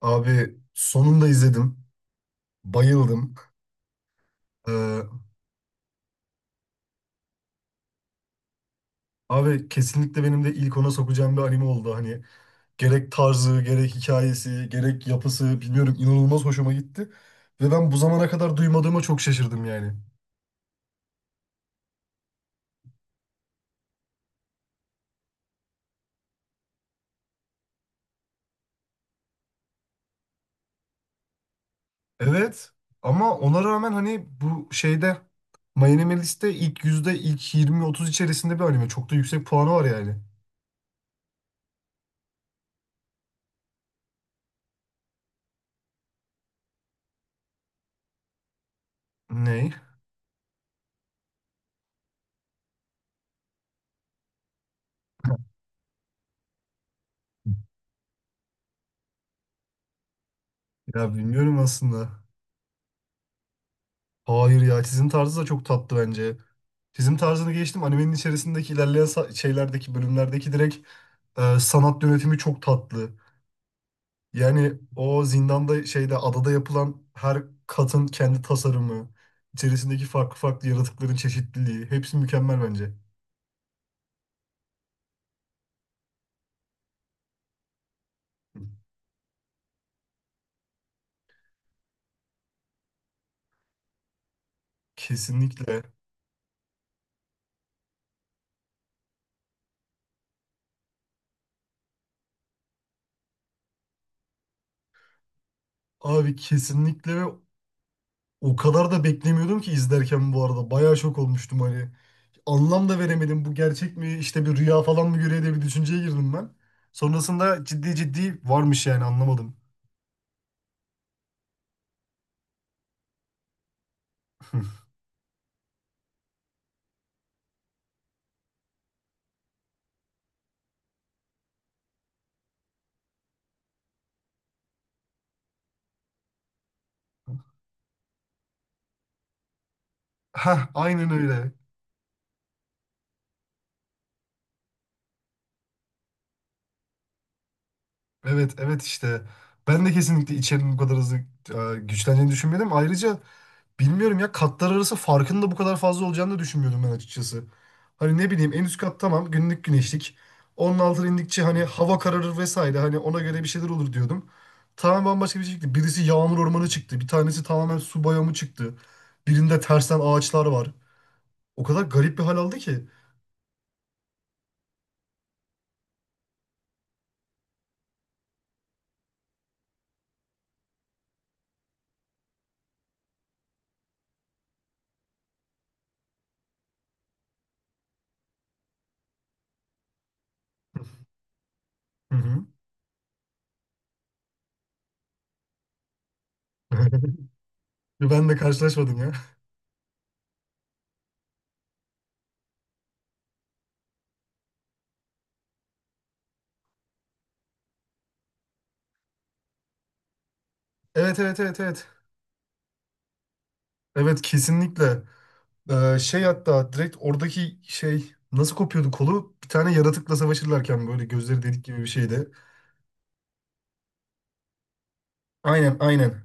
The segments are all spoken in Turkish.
Abi sonunda izledim. Bayıldım. Ee, Abi kesinlikle benim de ilk ona sokacağım bir anime oldu. Hani gerek tarzı, gerek hikayesi, gerek yapısı bilmiyorum inanılmaz hoşuma gitti. Ve ben bu zamana kadar duymadığıma çok şaşırdım yani. Evet, ama ona rağmen hani bu şeyde My Anime List'te ilk yüzde ilk 20-30 içerisinde bir anime. Çok da yüksek puanı var yani. Ney? Ya bilmiyorum aslında. Hayır ya çizim tarzı da çok tatlı bence. Çizim tarzını geçtim. Animenin içerisindeki ilerleyen şeylerdeki bölümlerdeki direkt sanat yönetimi çok tatlı. Yani o zindanda şeyde adada yapılan her katın kendi tasarımı, içerisindeki farklı farklı yaratıkların çeşitliliği hepsi mükemmel bence. Kesinlikle. Abi kesinlikle ve o kadar da beklemiyordum ki izlerken bu arada. Bayağı şok olmuştum hani. Anlam da veremedim. Bu gerçek mi işte bir rüya falan mı görüyor diye bir düşünceye girdim ben. Sonrasında ciddi ciddi varmış yani anlamadım. Heh, aynen öyle. Evet evet işte ben de kesinlikle içerinin bu kadar hızlı güçleneceğini düşünmedim. Ayrıca bilmiyorum ya katlar arası farkın da bu kadar fazla olacağını da düşünmüyordum ben açıkçası. Hani ne bileyim en üst kat tamam günlük güneşlik. Onun altına indikçe hani hava kararır vesaire hani ona göre bir şeyler olur diyordum. Tamamen bambaşka bir şey çıktı. Birisi yağmur ormanı çıktı. Bir tanesi tamamen su bayramı çıktı. Birinde tersten ağaçlar var. O kadar garip bir hal aldı ki. Hı hı. Ben de karşılaşmadım ya. Evet evet evet evet. Evet kesinlikle. Şey, hatta direkt oradaki şey nasıl kopuyordu kolu? Bir tane yaratıkla savaşırlarken böyle gözleri delik gibi bir şeydi. Aynen aynen.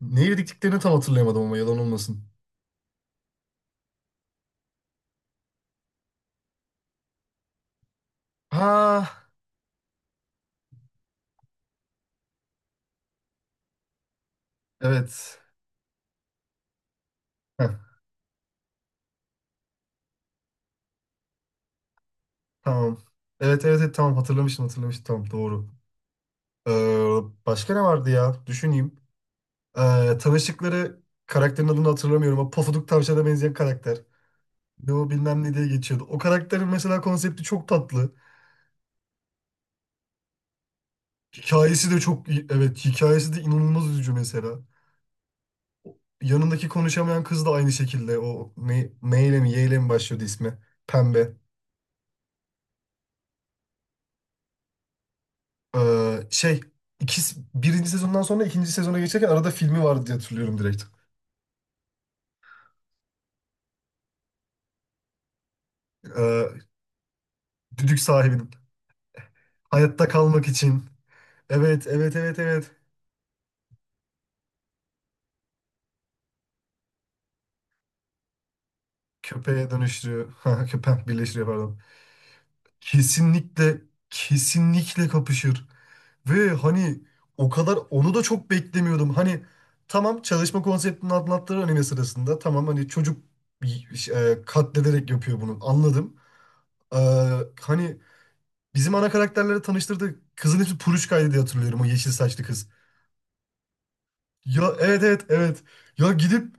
Ne dediklerini tam hatırlayamadım ama yalan olmasın. Ha evet. Heh, tamam. Evet evet evet tamam, hatırlamışım hatırlamışım, tamam doğru. Ee, Başka ne vardı ya? Düşüneyim. Tanıştıkları karakterin adını hatırlamıyorum ama Pofuduk Tavşan'a benzeyen karakter. Ne o bilmem ne diye geçiyordu. O karakterin mesela konsepti çok tatlı. Hikayesi de çok iyi. Evet, hikayesi de inanılmaz üzücü mesela. Yanındaki konuşamayan kız da aynı şekilde o ne, M ile mi Y ile mi başlıyordu ismi? Pembe. Şey, ikisi, birinci sezondan sonra ikinci sezona geçerken arada filmi vardı diye hatırlıyorum direkt. Ee, Düdük sahibinin. Hayatta kalmak için. Evet evet evet evet. Köpeğe dönüştürüyor. Ha, köpek birleştiriyor pardon. Kesinlikle kesinlikle kapışır. Ve hani o kadar onu da çok beklemiyordum. Hani tamam çalışma konseptini anlattığı anime sırasında tamam hani çocuk katlederek yapıyor bunu anladım. Ee, Hani bizim ana karakterleri tanıştırdı kızın hepsi Puruşka'ydı diye hatırlıyorum o yeşil saçlı kız. Ya evet evet evet. Ya gidip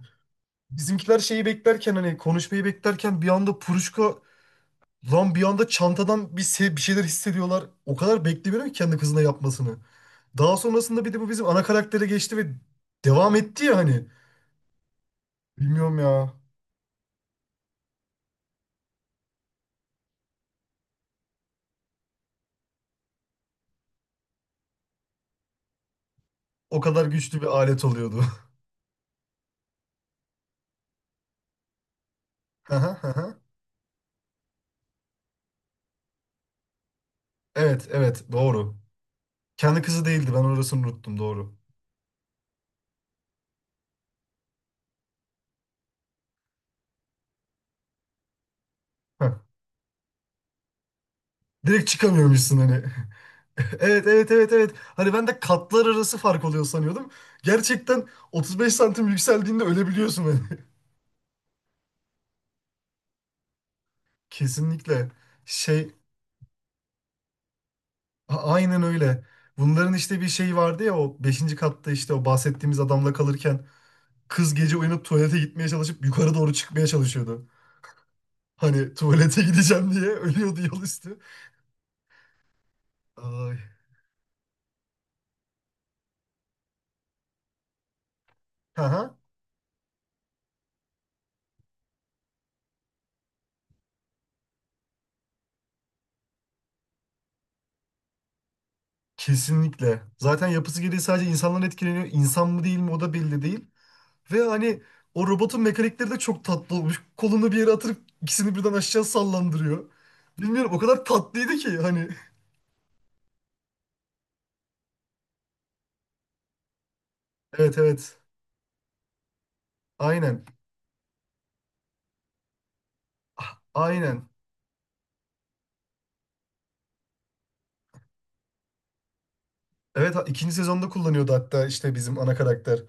bizimkiler şeyi beklerken hani konuşmayı beklerken bir anda Puruşka lan, bir anda çantadan bir şeyler hissediyorlar. O kadar beklemiyorum ki kendi kızına yapmasını. Daha sonrasında bir de bu bizim ana karaktere geçti ve devam etti ya hani. Bilmiyorum ya. O kadar güçlü bir alet oluyordu. Hı hı, hı hı. Evet evet doğru. Kendi kızı değildi, ben orasını unuttum doğru. Heh. Direkt çıkamıyormuşsun hani. Evet evet evet evet. Hani ben de katlar arası fark oluyor sanıyordum. Gerçekten 35 santim yükseldiğinde ölebiliyorsun hani. Kesinlikle. Şey A- aynen öyle. Bunların işte bir şeyi vardı ya, o beşinci katta işte o bahsettiğimiz adamla kalırken kız gece uyanıp tuvalete gitmeye çalışıp yukarı doğru çıkmaya çalışıyordu. Hani tuvalete gideceğim diye ölüyordu yol üstü. Ay. Aha. Kesinlikle. Zaten yapısı gereği sadece insanlar etkileniyor. İnsan mı değil mi o da belli değil. Ve hani o robotun mekanikleri de çok tatlı olmuş. Kolunu bir yere atırıp ikisini birden aşağı sallandırıyor. Bilmiyorum o kadar tatlıydı ki hani. Evet evet. Aynen. Ah, aynen. Evet ikinci sezonda kullanıyordu hatta işte bizim ana karakter.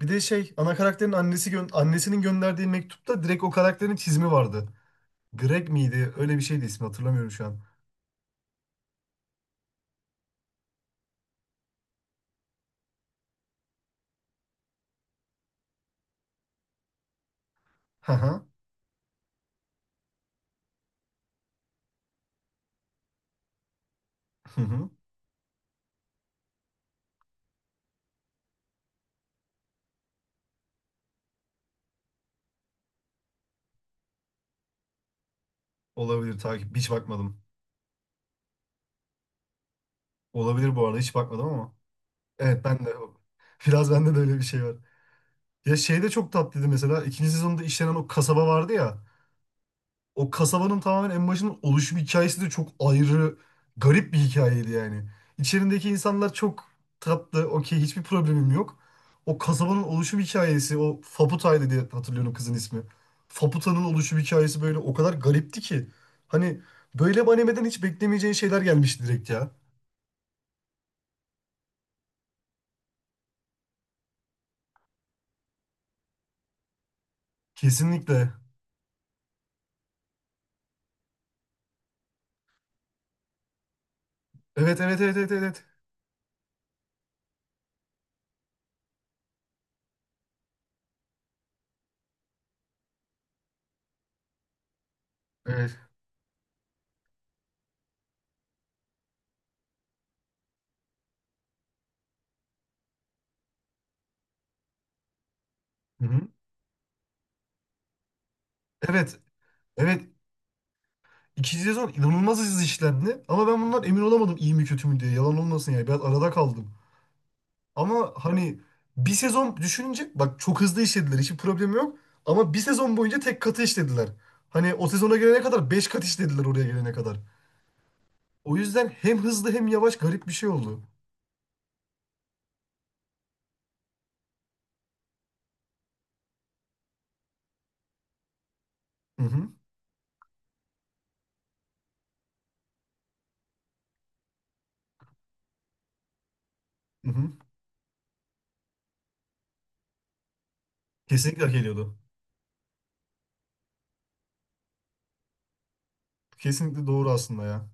Bir de şey ana karakterin annesi annesinin gönderdiği mektupta direkt o karakterin çizimi vardı. Greg miydi? Öyle bir şeydi ismi, hatırlamıyorum şu an. Hı hı. Hı hı. Olabilir, takip hiç bakmadım. Olabilir bu arada, hiç bakmadım ama. Evet ben de biraz, bende de öyle bir şey var. Ya şey de çok tatlıydı mesela. İkinci sezonda işlenen o kasaba vardı ya. O kasabanın tamamen en başının oluşum hikayesi de çok ayrı, garip bir hikayeydi yani. İçerindeki insanlar çok tatlı, okey, hiçbir problemim yok. O kasabanın oluşum hikayesi, o Faputa'ydı diye hatırlıyorum kızın ismi. Faputa'nın oluşum hikayesi böyle o kadar garipti ki. Hani böyle bir animeden hiç beklemeyeceğin şeyler gelmişti direkt ya. Kesinlikle. Evet, evet, evet, evet, evet. Evet. Hı-hı. Evet, evet. İkinci sezon inanılmaz hızlı işlendi. Ama ben bundan emin olamadım iyi mi kötü mü diye. Yalan olmasın yani. Biraz arada kaldım. Ama hani bir sezon düşününce bak çok hızlı işlediler. Hiçbir problem yok. Ama bir sezon boyunca tek katı işlediler. Hani o sezona gelene kadar 5 kat işlediler oraya gelene kadar. O yüzden hem hızlı hem yavaş garip bir şey oldu. Hı hı. Hı hı. Kesinlikle hak ediyordu. Kesinlikle doğru aslında ya.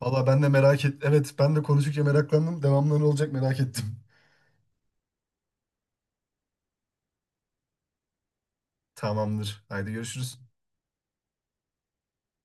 Valla ben de merak et. Evet ben de konuştukça meraklandım. Devamlı ne olacak merak ettim. Tamamdır. Haydi görüşürüz.